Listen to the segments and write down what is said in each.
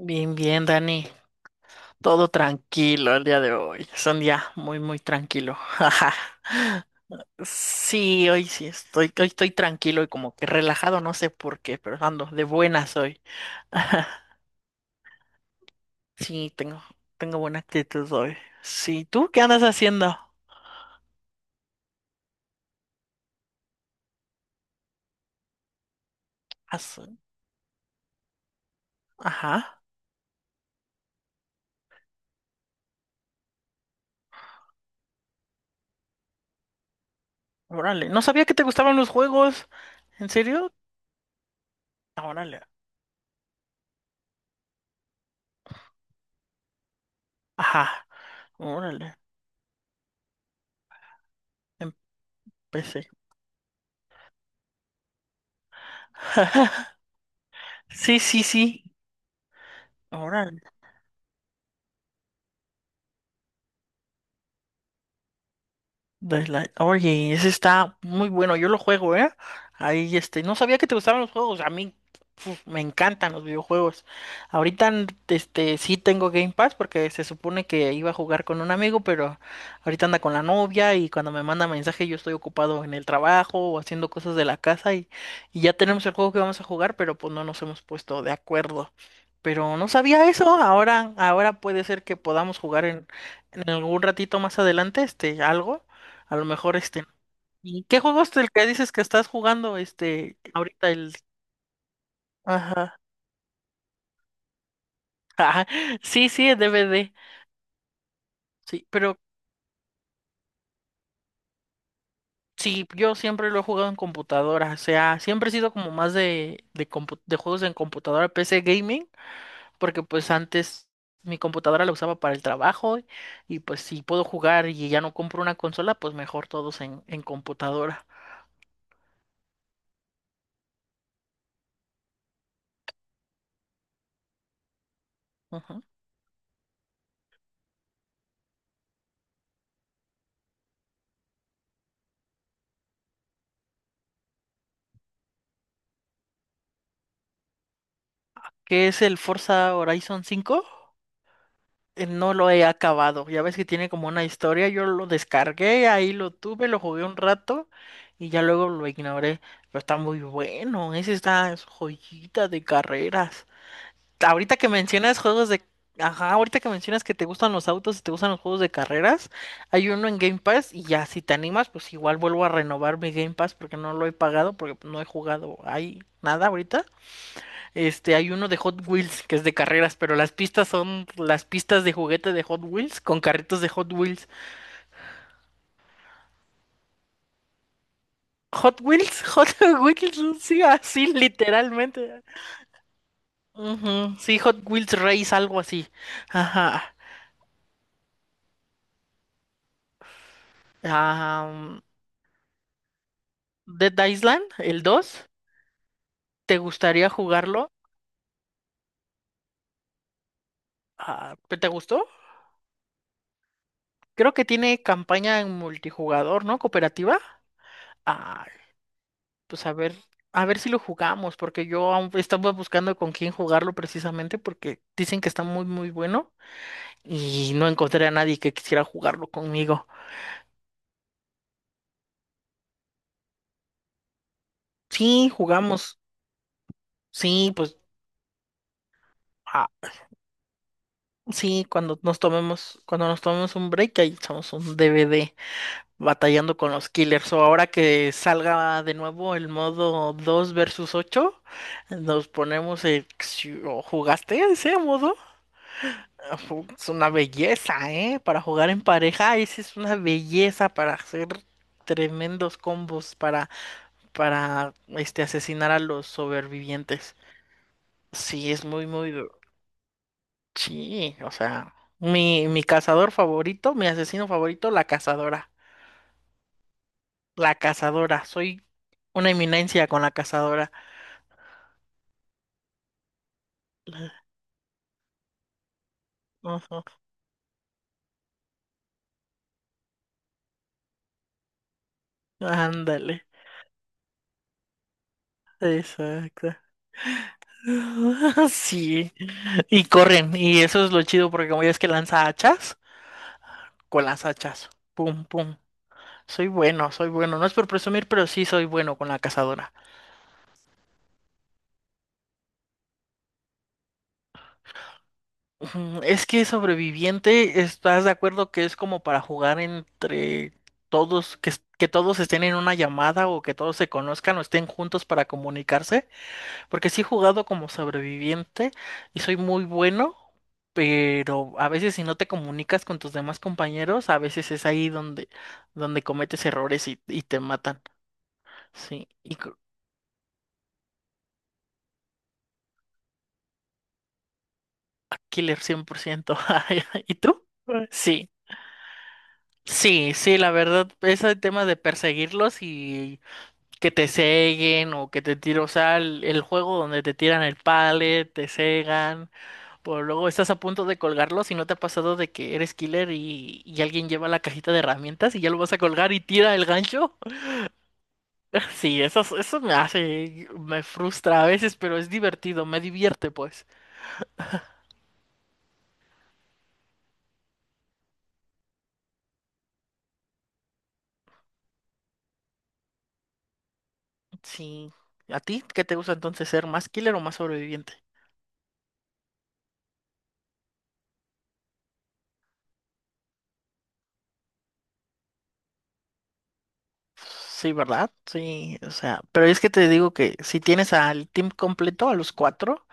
Bien, bien, Dani. Todo tranquilo el día de hoy. Es un día muy, muy tranquilo. Sí, hoy estoy tranquilo y como que relajado, no sé por qué, pero ando de buenas hoy. Sí, tengo buena actitud hoy. Sí, ¿tú qué andas haciendo? As- Ajá, órale. No sabía que te gustaban los juegos. ¿En serio? Ah, órale. Ajá, órale. Empecé. Sí, sí, sí. Órale. Daylight. Oye, ese está muy bueno, yo lo juego, ¿eh? Ahí, este, no sabía que te gustaban los juegos, a mí uf, me encantan los videojuegos. Ahorita, este, sí tengo Game Pass porque se supone que iba a jugar con un amigo, pero ahorita anda con la novia y cuando me manda mensaje yo estoy ocupado en el trabajo o haciendo cosas de la casa y, ya tenemos el juego que vamos a jugar, pero pues no nos hemos puesto de acuerdo. Pero no sabía eso, ahora puede ser que podamos jugar en algún ratito más adelante, este, algo. A lo mejor este. ¿Y qué juego es el que dices que estás jugando, este, ahorita, el? Ajá. Ajá. sí, sí, el DVD. Sí, pero sí, yo siempre lo he jugado en computadora, o sea, siempre he sido como más de juegos en computadora, PC gaming, porque pues antes mi computadora la usaba para el trabajo y pues si puedo jugar y ya no compro una consola, pues mejor todos en computadora. Ujú. ¿Qué es el Forza Horizon 5? No lo he acabado. Ya ves que tiene como una historia. Yo lo descargué, ahí lo tuve, lo jugué un rato y ya luego lo ignoré. Pero está muy bueno. Ese está es joyita de carreras. Ahorita que mencionas juegos de. Ajá, ahorita que mencionas que te gustan los autos y te gustan los juegos de carreras, hay uno en Game Pass y ya si te animas, pues igual vuelvo a renovar mi Game Pass porque no lo he pagado, porque no he jugado ahí nada ahorita. Este, hay uno de Hot Wheels que es de carreras, pero las pistas son las pistas de juguete de Hot Wheels con carritos de Hot Wheels. Hot Wheels, Hot Wheels, sí, así literalmente. Ujú. Sí, Hot Wheels Race, algo así. Ajá. Am, Dead Island, el 2, ¿te gustaría jugarlo? Ah, ¿te gustó? Creo que tiene campaña en multijugador, ¿no? Cooperativa. Ah, pues a ver si lo jugamos, porque yo aún estaba buscando con quién jugarlo precisamente, porque dicen que está muy, muy bueno y no encontré a nadie que quisiera jugarlo conmigo. Sí, jugamos. Sí, pues ah, sí, cuando nos tomemos un break, ahí echamos un DVD batallando con los killers. O ahora que salga de nuevo el modo 2 versus 8, nos ponemos el. ¿O ¿Jugaste ese modo? Ah, es una belleza, ¿eh? Para jugar en pareja, esa es una belleza para hacer tremendos combos para, este, asesinar a los sobrevivientes. Sí, es muy, muy. Sí, o sea, mi cazador favorito, mi asesino favorito, la cazadora. La cazadora, soy una eminencia con la cazadora. Ujú. Ándale, exacto. Sí, y corren, y eso es lo chido porque como ya es que lanza hachas, con las hachas. Pum, pum. Soy bueno, soy bueno. No es por presumir, pero sí soy bueno con la cazadora. Ujú. Es que sobreviviente, ¿estás de acuerdo que es como para jugar entre todos, que, que todos estén en una llamada o que todos se conozcan o estén juntos para comunicarse? Porque sí he jugado como sobreviviente y soy muy bueno, pero a veces si no te comunicas con tus demás compañeros, a veces es ahí donde cometes errores y, te matan. Sí. Killer 100%. ¿Y tú? Sí, sí, sí, la verdad, ese tema de perseguirlos y que te ceguen o que te tiren, o sea, el juego donde te tiran el pallet, te cegan, o luego estás a punto de colgarlos y no te ha pasado de que eres killer y alguien lleva la cajita de herramientas y ya lo vas a colgar y tira el gancho. Sí, eso me hace, me frustra a veces, pero es divertido, me divierte pues. Sí. ¿A ti qué te gusta entonces ser más killer o más sobreviviente? Sí, ¿verdad? Sí, o sea, pero es que te digo que si tienes al team completo, a los cuatro,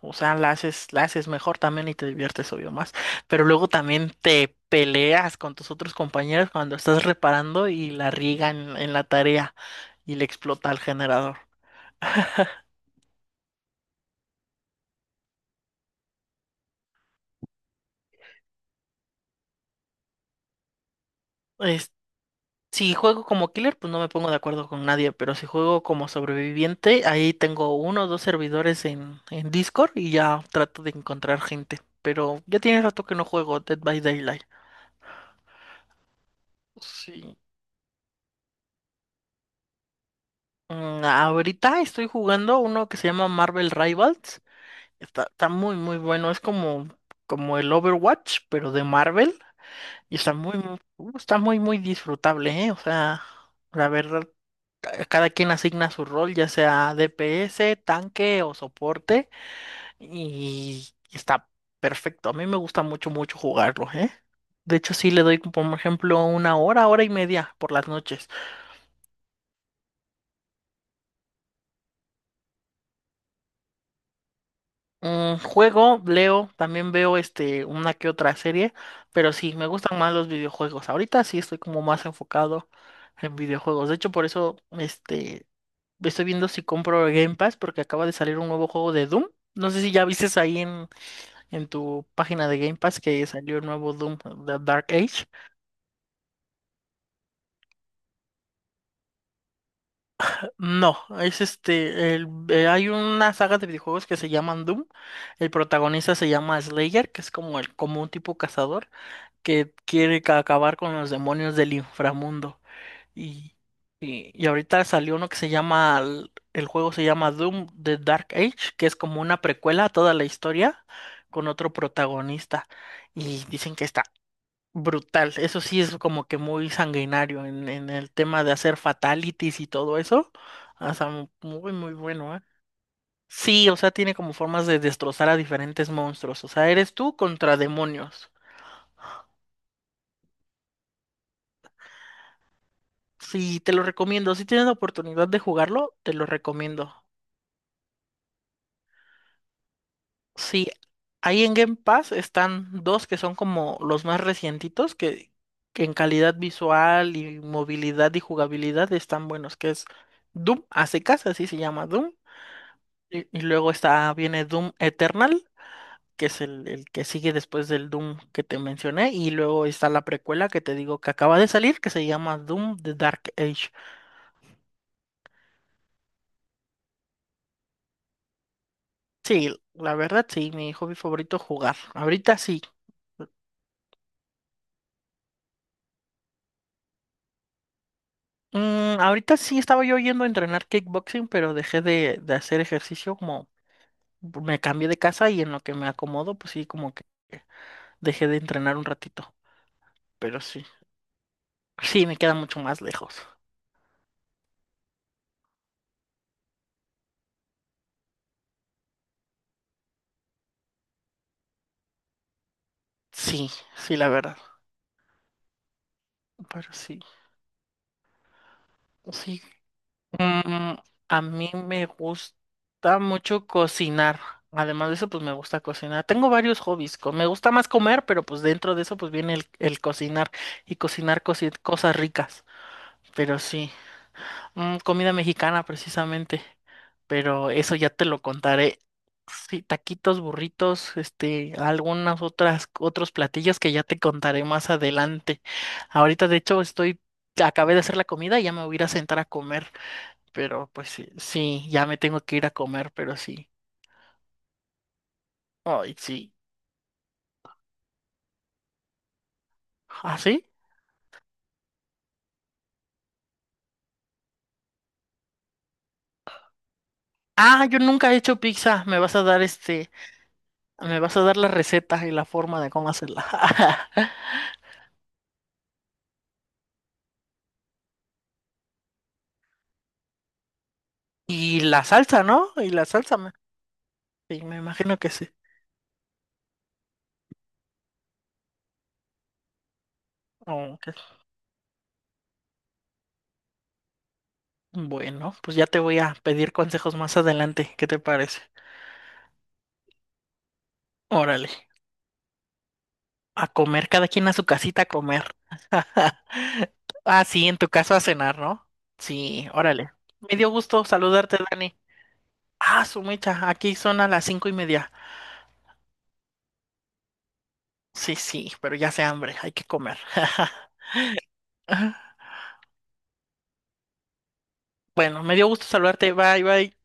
o sea, la haces mejor también y te diviertes obvio más. Pero luego también te peleas con tus otros compañeros cuando estás reparando y la riegan en la tarea y le explota al generador. Si juego como killer, pues no me pongo de acuerdo con nadie, pero si juego como sobreviviente, ahí tengo uno o dos servidores en Discord y ya trato de encontrar gente. Pero ya tiene rato que no juego Dead by Daylight. Sí. Ahorita estoy jugando uno que se llama Marvel Rivals. Está muy, muy bueno. Es como el Overwatch, pero de Marvel. Y está muy, muy disfrutable, ¿eh? O sea, la verdad, cada quien asigna su rol, ya sea DPS, tanque o soporte, y está perfecto. A mí me gusta mucho, mucho jugarlo, ¿eh? De hecho, sí le doy, como, por ejemplo, una hora, hora y media por las noches. Juego, leo, también veo este, una que otra serie, pero sí, me gustan más los videojuegos. Ahorita sí estoy como más enfocado en videojuegos. De hecho, por eso este, estoy viendo si compro Game Pass porque acaba de salir un nuevo juego de Doom. No sé si ya viste ahí en tu página de Game Pass que salió el nuevo Doom, The Dark Age. No, es este, hay una saga de videojuegos que se llaman Doom. El protagonista se llama Slayer, que es como un tipo cazador que quiere acabar con los demonios del inframundo. Y, y ahorita salió uno que se llama, el juego se llama Doom, The Dark Age, que es como una precuela a toda la historia con otro protagonista. Y dicen que está brutal. Eso sí es como que muy sanguinario en el tema de hacer fatalities y todo eso. O sea, muy, muy bueno, ¿eh? Sí, o sea, tiene como formas de destrozar a diferentes monstruos. O sea, eres tú contra demonios. Sí, te lo recomiendo. Si tienes la oportunidad de jugarlo, te lo recomiendo. Sí, ahí en Game Pass están dos que son como los más recientitos, que en calidad visual y movilidad y jugabilidad están buenos, que es Doom a secas, así se llama Doom. Y luego viene Doom Eternal, que es el que sigue después del Doom que te mencioné. Y luego está la precuela que te digo que acaba de salir, que se llama Doom The Dark Age. Sí, la verdad, sí, mi hobby favorito jugar. Ahorita sí. Ahorita sí estaba yo yendo a entrenar kickboxing, pero dejé de hacer ejercicio como me cambié de casa y en lo que me acomodo, pues sí, como que dejé de entrenar un ratito. Pero sí, sí, me queda mucho más lejos. Sí, sí, la verdad. Pero sí, sí, Mm, a mí me gusta mucho cocinar. Además de eso, pues me gusta cocinar. Tengo varios hobbies. Me gusta más comer, pero pues dentro de eso, pues viene el cocinar y cocinar cosas ricas. Pero sí, comida mexicana precisamente. Pero eso ya te lo contaré. Sí, taquitos, burritos, este, otros platillos que ya te contaré más adelante. Ahorita, de hecho, acabé de hacer la comida y ya me voy a ir a sentar a comer. Pero pues sí, sí, ya me tengo que ir a comer, pero sí. Ay, sí. ¿Ah, sí? Ah, yo nunca he hecho pizza. Me vas a dar la receta y la forma de cómo hacerla. Y la salsa, ¿no? Y la salsa, sí, me imagino que sí. Oh, ok. Bueno, pues ya te voy a pedir consejos más adelante. ¿Qué te parece? Órale, a comer, cada quien a su casita a comer. Ah, sí, en tu caso a cenar, ¿no? Sí, órale. Me dio gusto saludarte, Dani. Ah, su mecha, aquí son a las 5:30. Sí, sí, pero ya sé hambre, hay que comer. Bueno, me dio gusto saludarte. Bye, bye.